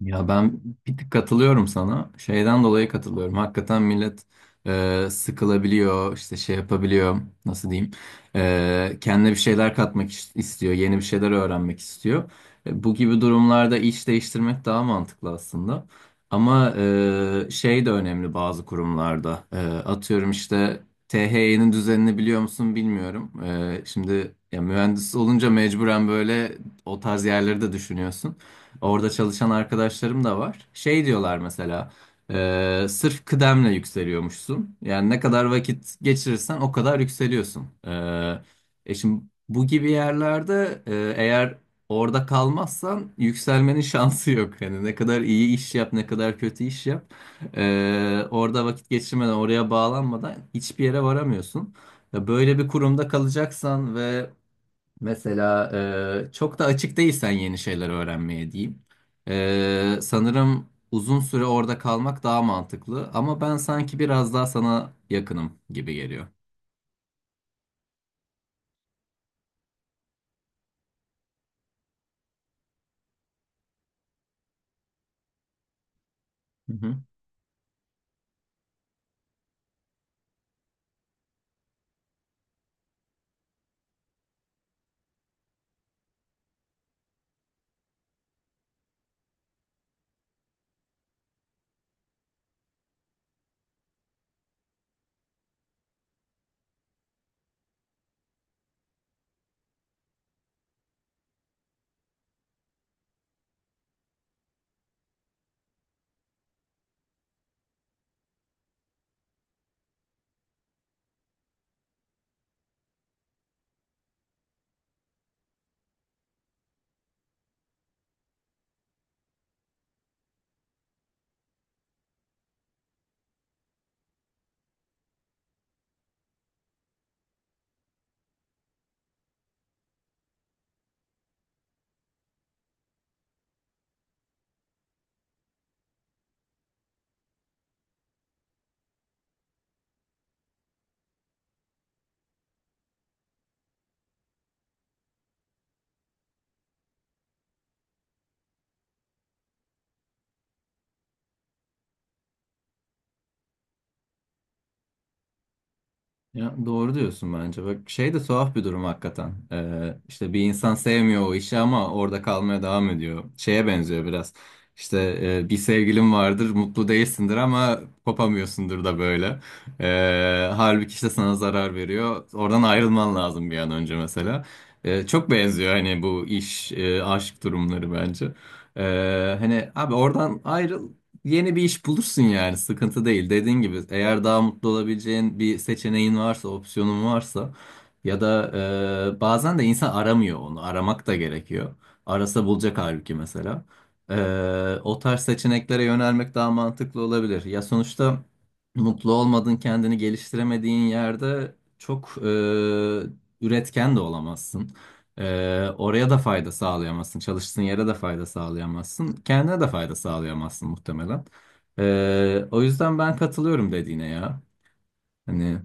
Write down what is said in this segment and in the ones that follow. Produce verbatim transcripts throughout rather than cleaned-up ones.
Ya ben bir tık katılıyorum sana. Şeyden dolayı katılıyorum. Hakikaten millet e, sıkılabiliyor, işte şey yapabiliyor, nasıl diyeyim, e, kendine bir şeyler katmak iş- istiyor, yeni bir şeyler öğrenmek istiyor. E, bu gibi durumlarda iş değiştirmek daha mantıklı aslında. Ama e, şey de önemli bazı kurumlarda. E, atıyorum işte T H Y'nin düzenini biliyor musun bilmiyorum. E, şimdi ya mühendis olunca mecburen böyle o tarz yerleri de düşünüyorsun. Orada çalışan arkadaşlarım da var. Şey diyorlar mesela, e, sırf kıdemle yükseliyormuşsun. Yani ne kadar vakit geçirirsen o kadar yükseliyorsun. E, e şimdi bu gibi yerlerde e, eğer orada kalmazsan yükselmenin şansı yok. Yani ne kadar iyi iş yap, ne kadar kötü iş yap. e, orada vakit geçirmeden, oraya bağlanmadan hiçbir yere varamıyorsun. Ya, böyle bir kurumda kalacaksan ve mesela, e, çok da açık değilsen yeni şeyler öğrenmeye diyeyim. E, sanırım uzun süre orada kalmak daha mantıklı ama ben sanki biraz daha sana yakınım gibi geliyor. Hı hı. Ya, doğru diyorsun bence. Bak şey de tuhaf bir durum hakikaten. Ee, işte bir insan sevmiyor o işi ama orada kalmaya devam ediyor. Şeye benziyor biraz. İşte, e, bir sevgilin vardır, mutlu değilsindir ama kopamıyorsundur da böyle. Ee, halbuki işte sana zarar veriyor. Oradan ayrılman lazım bir an önce mesela. Ee, çok benziyor hani bu iş, e, aşk durumları bence. Ee, hani abi oradan ayrıl. Yeni bir iş bulursun yani sıkıntı değil. Dediğin gibi eğer daha mutlu olabileceğin bir seçeneğin varsa, opsiyonun varsa ya da e, bazen de insan aramıyor onu. Aramak da gerekiyor. Arasa bulacak halbuki mesela. E, o tarz seçeneklere yönelmek daha mantıklı olabilir. Ya sonuçta mutlu olmadığın, kendini geliştiremediğin yerde çok e, üretken de olamazsın. Ee, oraya da fayda sağlayamazsın. Çalıştığın yere de fayda sağlayamazsın. Kendine de fayda sağlayamazsın muhtemelen. Ee, o yüzden ben katılıyorum dediğine ya. Hani.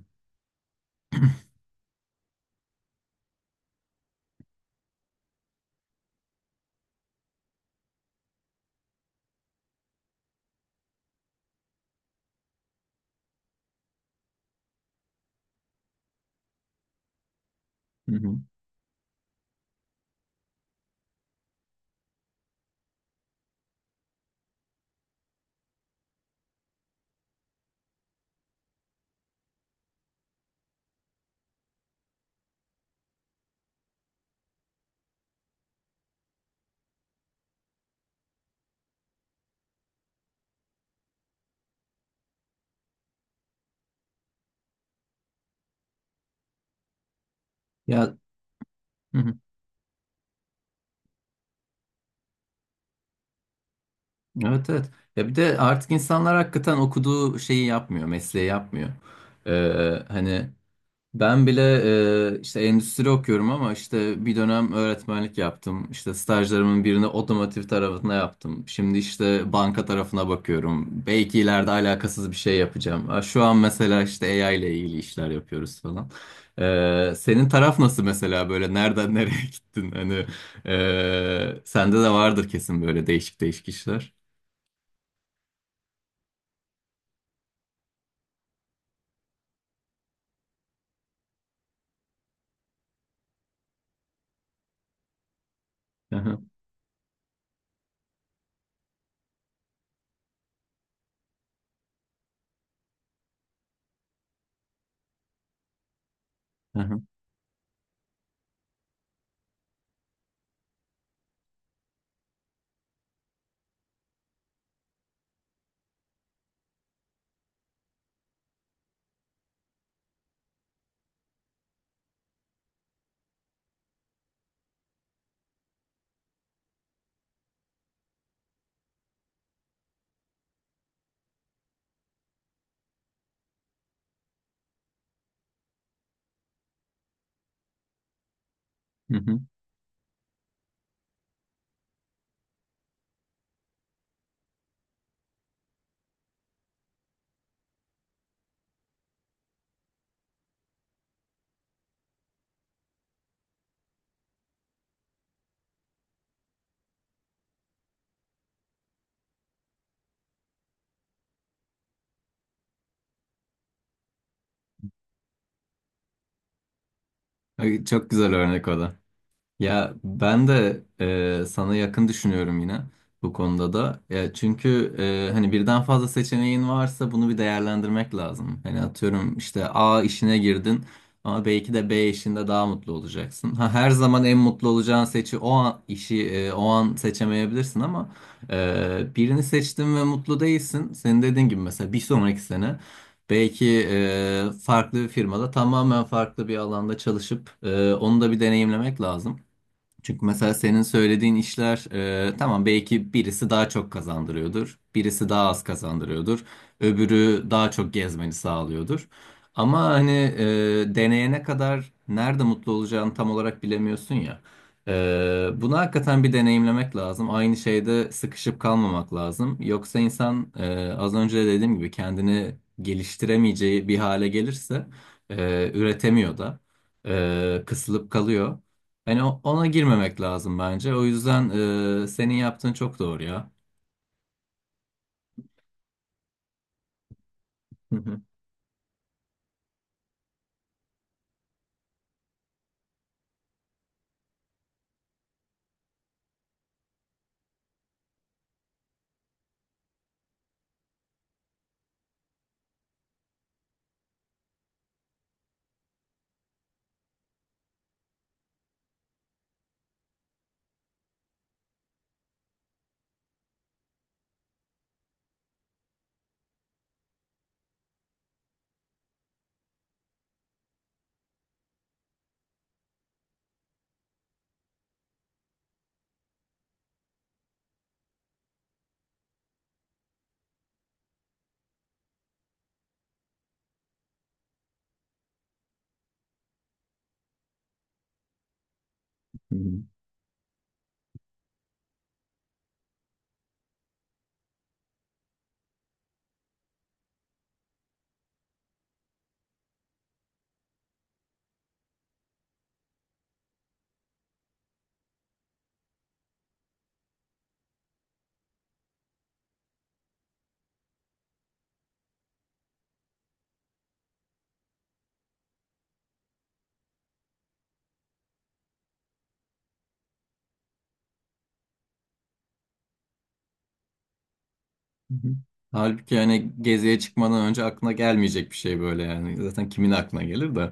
Hı hı. Ya, hı hı. Evet, evet. Ya bir de artık insanlar hakikaten okuduğu şeyi yapmıyor, mesleği yapmıyor. Ee, hani ben bile e, işte endüstri okuyorum ama işte bir dönem öğretmenlik yaptım. İşte stajlarımın birini otomotiv tarafına yaptım. Şimdi işte banka tarafına bakıyorum. Belki ileride alakasız bir şey yapacağım. Ha, şu an mesela işte A I ile ilgili işler yapıyoruz falan. E, senin taraf nasıl mesela böyle nereden nereye gittin? Hani e, sende de vardır kesin böyle değişik değişik işler. Hı hı, hı hı, hı hı. Ay, çok güzel örnek o. Ya, ben de e, sana yakın düşünüyorum yine bu konuda da. Ya çünkü e, hani birden fazla seçeneğin varsa bunu bir değerlendirmek lazım. Hani atıyorum işte A işine girdin ama belki de B işinde daha mutlu olacaksın. Ha, her zaman en mutlu olacağın seçi o an, işi e, o an seçemeyebilirsin ama e, birini seçtin ve mutlu değilsin. Senin dediğin gibi mesela bir sonraki sene belki, e, farklı bir firmada tamamen farklı bir alanda çalışıp e, onu da bir deneyimlemek lazım. Çünkü mesela senin söylediğin işler e, tamam belki birisi daha çok kazandırıyordur, birisi daha az kazandırıyordur, öbürü daha çok gezmeni sağlıyordur. Ama hani e, deneyene kadar nerede mutlu olacağını tam olarak bilemiyorsun ya. E, bunu hakikaten bir deneyimlemek lazım. Aynı şeyde sıkışıp kalmamak lazım. Yoksa insan e, az önce de dediğim gibi kendini geliştiremeyeceği bir hale gelirse e, üretemiyor da, e, kısılıp kalıyor. Yani o- ona girmemek lazım bence. O yüzden e, senin yaptığın çok doğru ya. Hı hı. Hı hı. Halbuki yani geziye çıkmadan önce aklına gelmeyecek bir şey böyle yani. Zaten kimin aklına gelir de.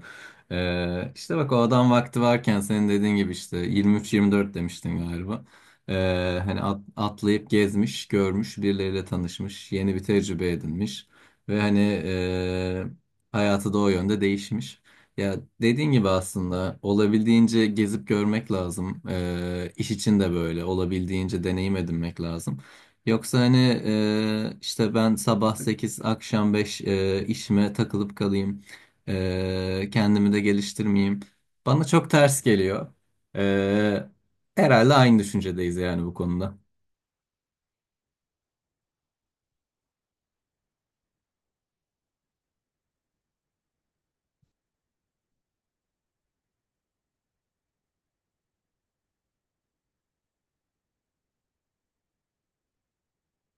Ee, işte bak o adam vakti varken senin dediğin gibi işte yirmi üç yirmi dört demiştin galiba. Ee, hani at- atlayıp gezmiş, görmüş, birileriyle tanışmış, yeni bir tecrübe edinmiş. Ve hani, ee, hayatı da o yönde değişmiş. Ya dediğin gibi aslında olabildiğince gezip görmek lazım. Ee, iş için de böyle olabildiğince deneyim edinmek lazım. Yoksa hani, e, işte ben sabah sekiz akşam beş e, işime takılıp kalayım. E, kendimi de geliştirmeyeyim. Bana çok ters geliyor. E, herhalde aynı düşüncedeyiz yani bu konuda.